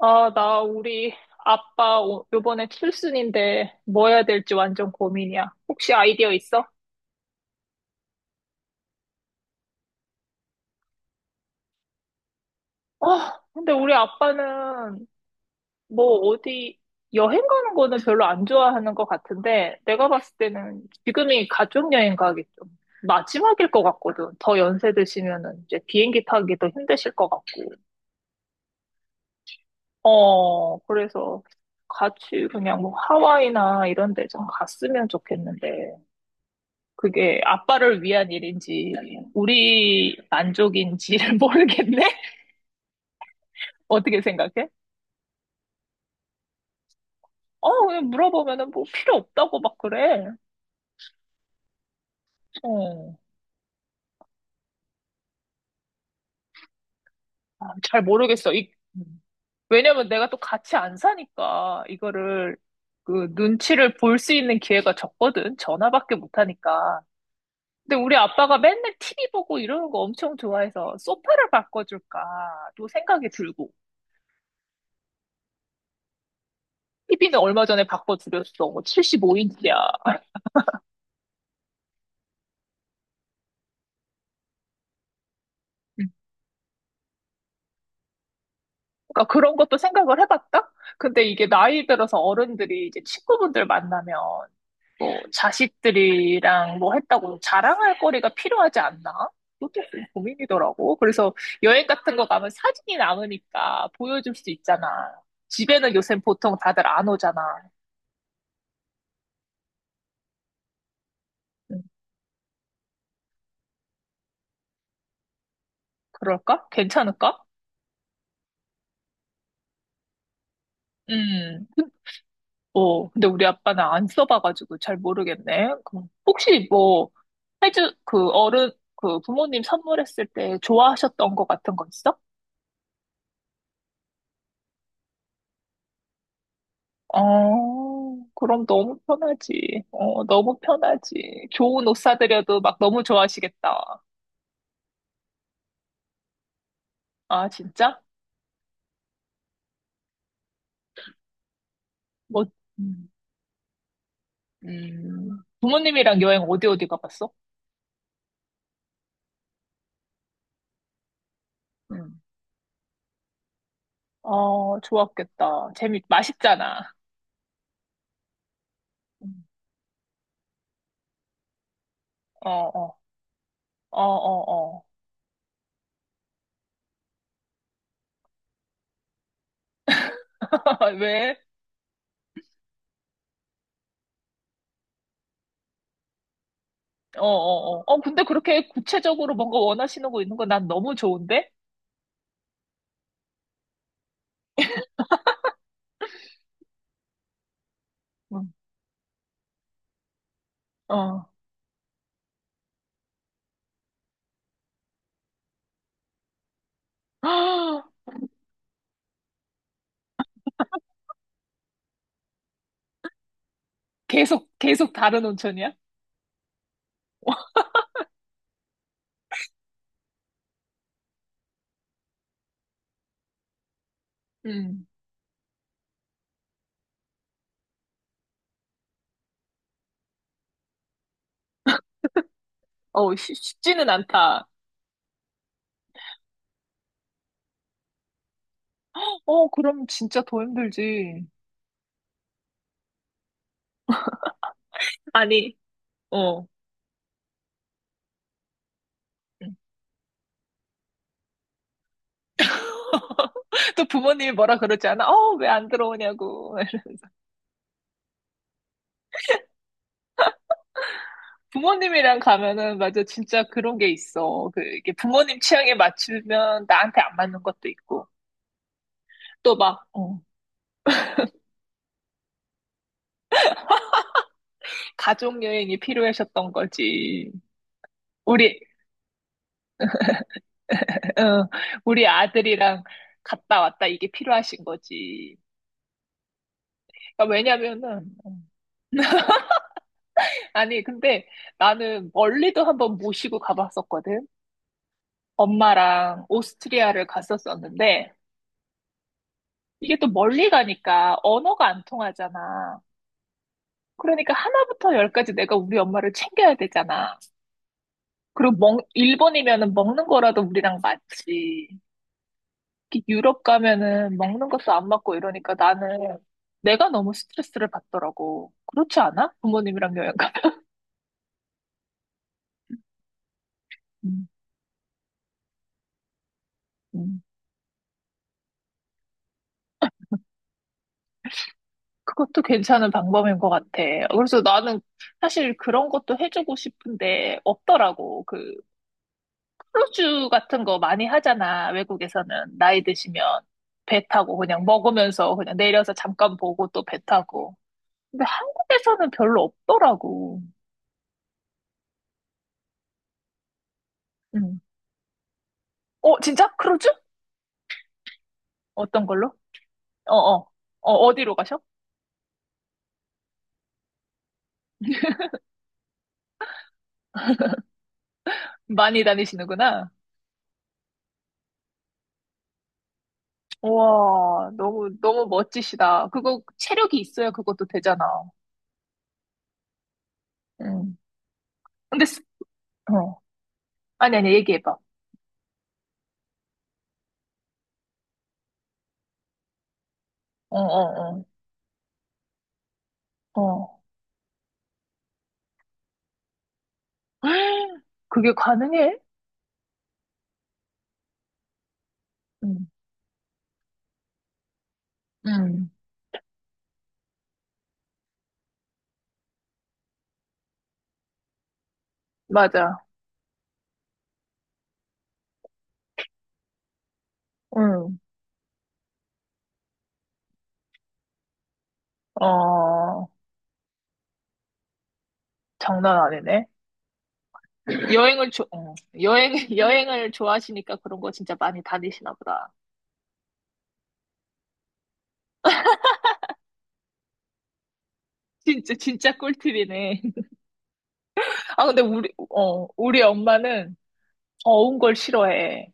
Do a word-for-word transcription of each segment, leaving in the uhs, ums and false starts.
아, 나 우리 아빠 오- 요번에 칠순인데 뭐 해야 될지 완전 고민이야. 혹시 아이디어 있어? 아, 근데 우리 아빠는 뭐 어디 여행 가는 거는 별로 안 좋아하는 것 같은데 내가 봤을 때는 지금이 가족여행 가기 좀 마지막일 것 같거든. 더 연세 드시면은 이제 비행기 타기도 힘드실 것 같고. 어, 그래서 같이 그냥 뭐 하와이나 이런 데 좀 갔으면 좋겠는데. 그게 아빠를 위한 일인지 우리 만족인지를 모르겠네? 어떻게 생각해? 어, 그냥 물어보면은 뭐 필요 없다고 막 그래. 어, 아, 잘 모르겠어. 이, 음. 왜냐면 내가 또 같이 안 사니까 이거를 그 눈치를 볼 수 있는 기회가 적거든. 전화밖에 못 하니까. 근데 우리 아빠가 맨날 티비 보고 이러는 거 엄청 좋아해서 소파를 바꿔줄까 또 생각이 들고. 티비는 얼마 전에 바꿔드렸어. 칠십오 인치야. 그러니까 그런 것도 생각을 해봤다? 근데 이게 나이 들어서 어른들이 이제 친구분들 만나면 뭐 자식들이랑 뭐 했다고 자랑할 거리가 필요하지 않나? 그것도 좀 고민이더라고. 그래서 여행 같은 거 가면 사진이 남으니까 보여줄 수 있잖아. 집에는 요새 보통 다들 안 오잖아. 음, 그럴까? 괜찮을까? 음. 어, 근데 우리 아빠는 안 써봐가지고 잘 모르겠네. 그 혹시 뭐, 해주, 그 어른, 그 부모님 선물했을 때 좋아하셨던 거 같은 거 있어? 어, 그럼 너무 편하지. 어, 너무 편하지. 좋은 옷 사드려도 막 너무 좋아하시겠다. 아, 진짜? 뭐, 음, 음. 부모님이랑 여행 어디 어디 가봤어? 음. 어, 좋았겠다. 재미, 맛있잖아. 음. 어, 어, 어, 어, 어. 왜? 어, 어, 어. 어, 근데 그렇게 구체적으로 뭔가 원하시는 거 있는 거 난 너무 좋은데? 응. 어. 계속, 계속 다른 온천이야? 음. 어, 쉽- 쉽지는 않다. 어, 그럼 진짜 더 힘들지. 아니, 어. 또 부모님이 뭐라 그러지 않아? 어, 왜 안 들어오냐고. 부모님이랑 가면은, 맞아, 진짜 그런 게 있어. 그, 이게 부모님 취향에 맞추면 나한테 안 맞는 것도 있고. 또 막, 어, 가족 여행이 필요하셨던 거지. 우리 어, 우리 아들이랑 갔다 왔다 이게 필요하신 거지. 그러니까 왜냐면은, 어. 아니, 근데 나는 멀리도 한번 모시고 가봤었거든. 엄마랑 오스트리아를 갔었었는데, 이게 또 멀리 가니까 언어가 안 통하잖아. 그러니까 하나부터 열까지 내가 우리 엄마를 챙겨야 되잖아. 그리고 먹, 일본이면은 먹는 거라도 우리랑 맞지. 특히 유럽 가면은 먹는 것도 안 맞고 이러니까 나는 내가 너무 스트레스를 받더라고. 그렇지 않아? 부모님이랑 여행 가면. 음, 음. 그것도 괜찮은 방법인 것 같아. 그래서 나는 사실 그런 것도 해주고 싶은데 없더라고. 그 크루즈 같은 거 많이 하잖아. 외국에서는 나이 드시면 배 타고 그냥 먹으면서 그냥 내려서 잠깐 보고 또 배 타고. 근데 한국에서는 별로 없더라고. 음. 어, 진짜? 크루즈? 어떤 걸로? 어어. 어, 어, 어디로 가셔? 많이 다니시는구나. 와, 너무, 너무 멋지시다. 그거, 체력이 있어야 그것도 되잖아. 응. 근데, 스- 어. 아니, 아니, 얘기해봐. 어, 어, 어. 어. 그게 가능해? 응. 응. 맞아. 응. 어, 장난 아니네. 여행을 좋, 어. 여행, 여행을 좋아하시니까 그런 거 진짜 많이 다니시나 보다. 진짜, 진짜 꿀팁이네. 아, 근데 우리, 어, 우리 엄마는 더운 걸 싫어해.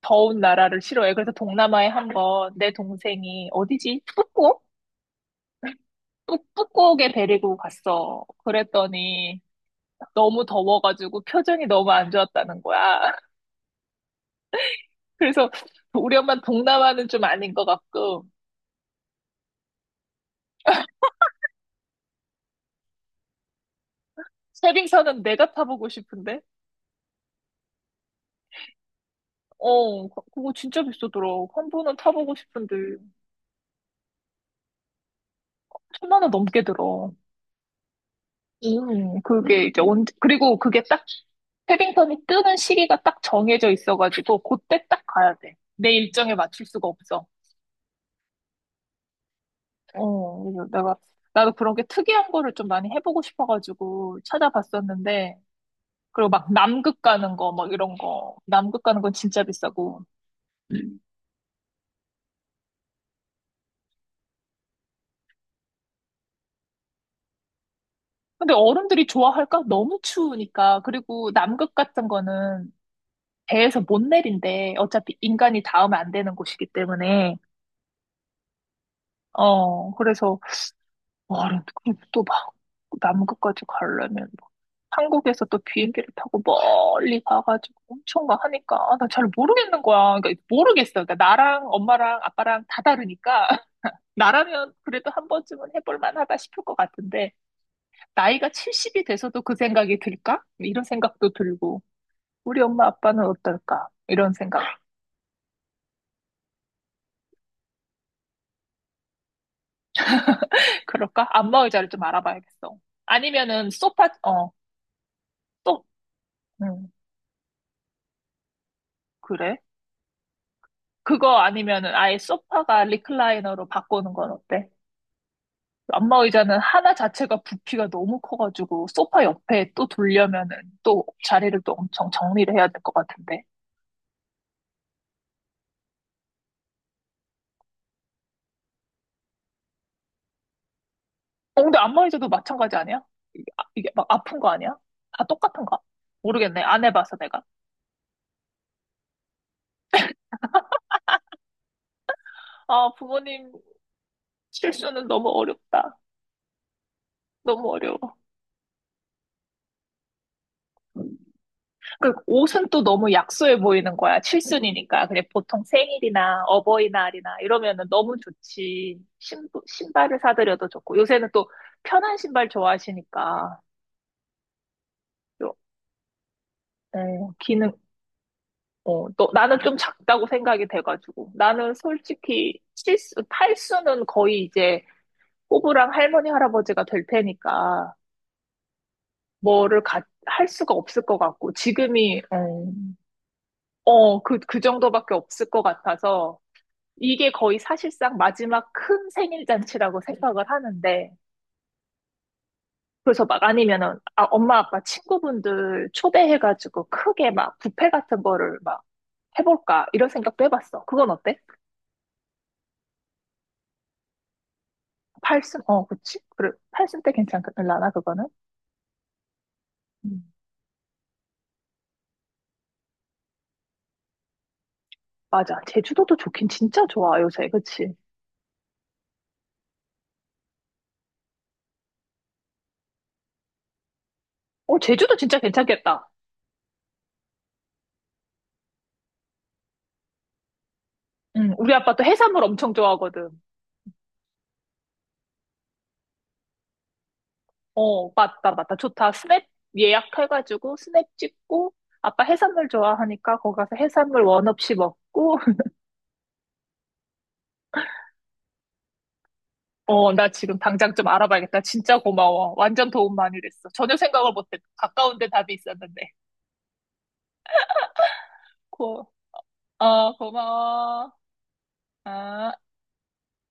더운 나라를 싫어해. 그래서 동남아에 한번 내 동생이 어디지? 북곡? 북- 북곡에 데리고 갔어. 그랬더니 너무 더워가지고 표정이 너무 안 좋았다는 거야. 그래서 우리 엄마 동남아는 좀 아닌 것 같고 세빙선은 내가 타보고 싶은데 어, 거- 그거 진짜 비싸더라. 한 번은 타보고 싶은데 천만 원 넘게 들어. 음 그게 이제 언제 그리고 그게 딱 패딩턴이 뜨는 시기가 딱 정해져 있어가지고 그때 딱 가야 돼. 내 일정에 맞출 수가 없어. 어, 그래서 내가 나도 그런 게 특이한 거를 좀 많이 해보고 싶어가지고 찾아봤었는데 그리고 막 남극 가는 거 막 이런 거 남극 가는 건 진짜 비싸고. 근데 어른들이 좋아할까? 너무 추우니까. 그리고 남극 같은 거는 배에서 못 내린대. 어차피 인간이 닿으면 안 되는 곳이기 때문에. 어, 그래서 와, 또 막, 남극까지 가려면 뭐 한국에서 또 비행기를 타고 멀리 가가지고 엄청 막 하니까, 아, 나 잘 모르겠는 거야. 그러니까 모르겠어. 그러니까 나랑 엄마랑 아빠랑 다 다르니까, 나라면 그래도 한 번쯤은 해볼 만하다 싶을 것 같은데, 나이가 칠십이 돼서도 그 생각이 들까? 이런 생각도 들고, 우리 엄마 아빠는 어떨까? 이런 생각. 그럴까? 안마 의자를 좀 알아봐야겠어. 아니면은 소파, 어, 또, 음, 그래? 그거 아니면은 아예 소파가 리클라이너로 바꾸는 건 어때? 안마 의자는 하나 자체가 부피가 너무 커가지고 소파 옆에 또 돌려면은 또 자리를 또 엄청 정리를 해야 될 것 같은데. 어, 근데 안마 의자도 마찬가지 아니야? 이게, 아- 이게 막 아픈 거 아니야? 다 똑같은가? 모르겠네. 안 해봐서 내가. 아, 부모님 실수는 너무 어렵다. 너무 어려워. 그 옷은 또 너무 약소해 보이는 거야. 칠순이니까. 그냥 보통 생일이나 어버이날이나 이러면은 너무 좋지. 신, 신발을 사드려도 좋고. 요새는 또 편한 신발 좋아하시니까. 요, 어, 기능, 어, 또 나는 좀 작다고 생각이 돼가지고. 나는 솔직히 칠순, 팔순은 거의 이제 꼬부랑 할머니, 할아버지가 될 테니까 뭐를 가, 할 수가 없을 것 같고. 지금이, 어, 어, 그, 그 정도밖에 없을 것 같아서. 이게 거의 사실상 마지막 큰 생일 잔치라고 생각을 하는데, 그래서 막 아니면은, 아, 엄마, 아빠, 친구분들 초대해가지고 크게 막 뷔페 같은 거를 막 해볼까, 이런 생각도 해봤어. 그건 어때? 팔순, 어, 그치? 그래, 팔순 때 괜찮을라나, 그거는? 음, 맞아. 제주도도 좋긴 진짜 좋아, 요새. 그치? 어, 제주도 진짜 괜찮겠다. 응, 우리 아빠도 해산물 엄청 좋아하거든. 어, 맞다, 맞다. 좋다. 스냅 예약해가지고 스냅 찍고, 아빠 해산물 좋아하니까 거기 가서 해산물 원 없이 먹고, 어, 나 지금 당장 좀 알아봐야겠다. 진짜 고마워. 완전 도움 많이 됐어. 전혀 생각을 못했고 가까운 데 답이 있었는데. 고, 어, 고마워. 아.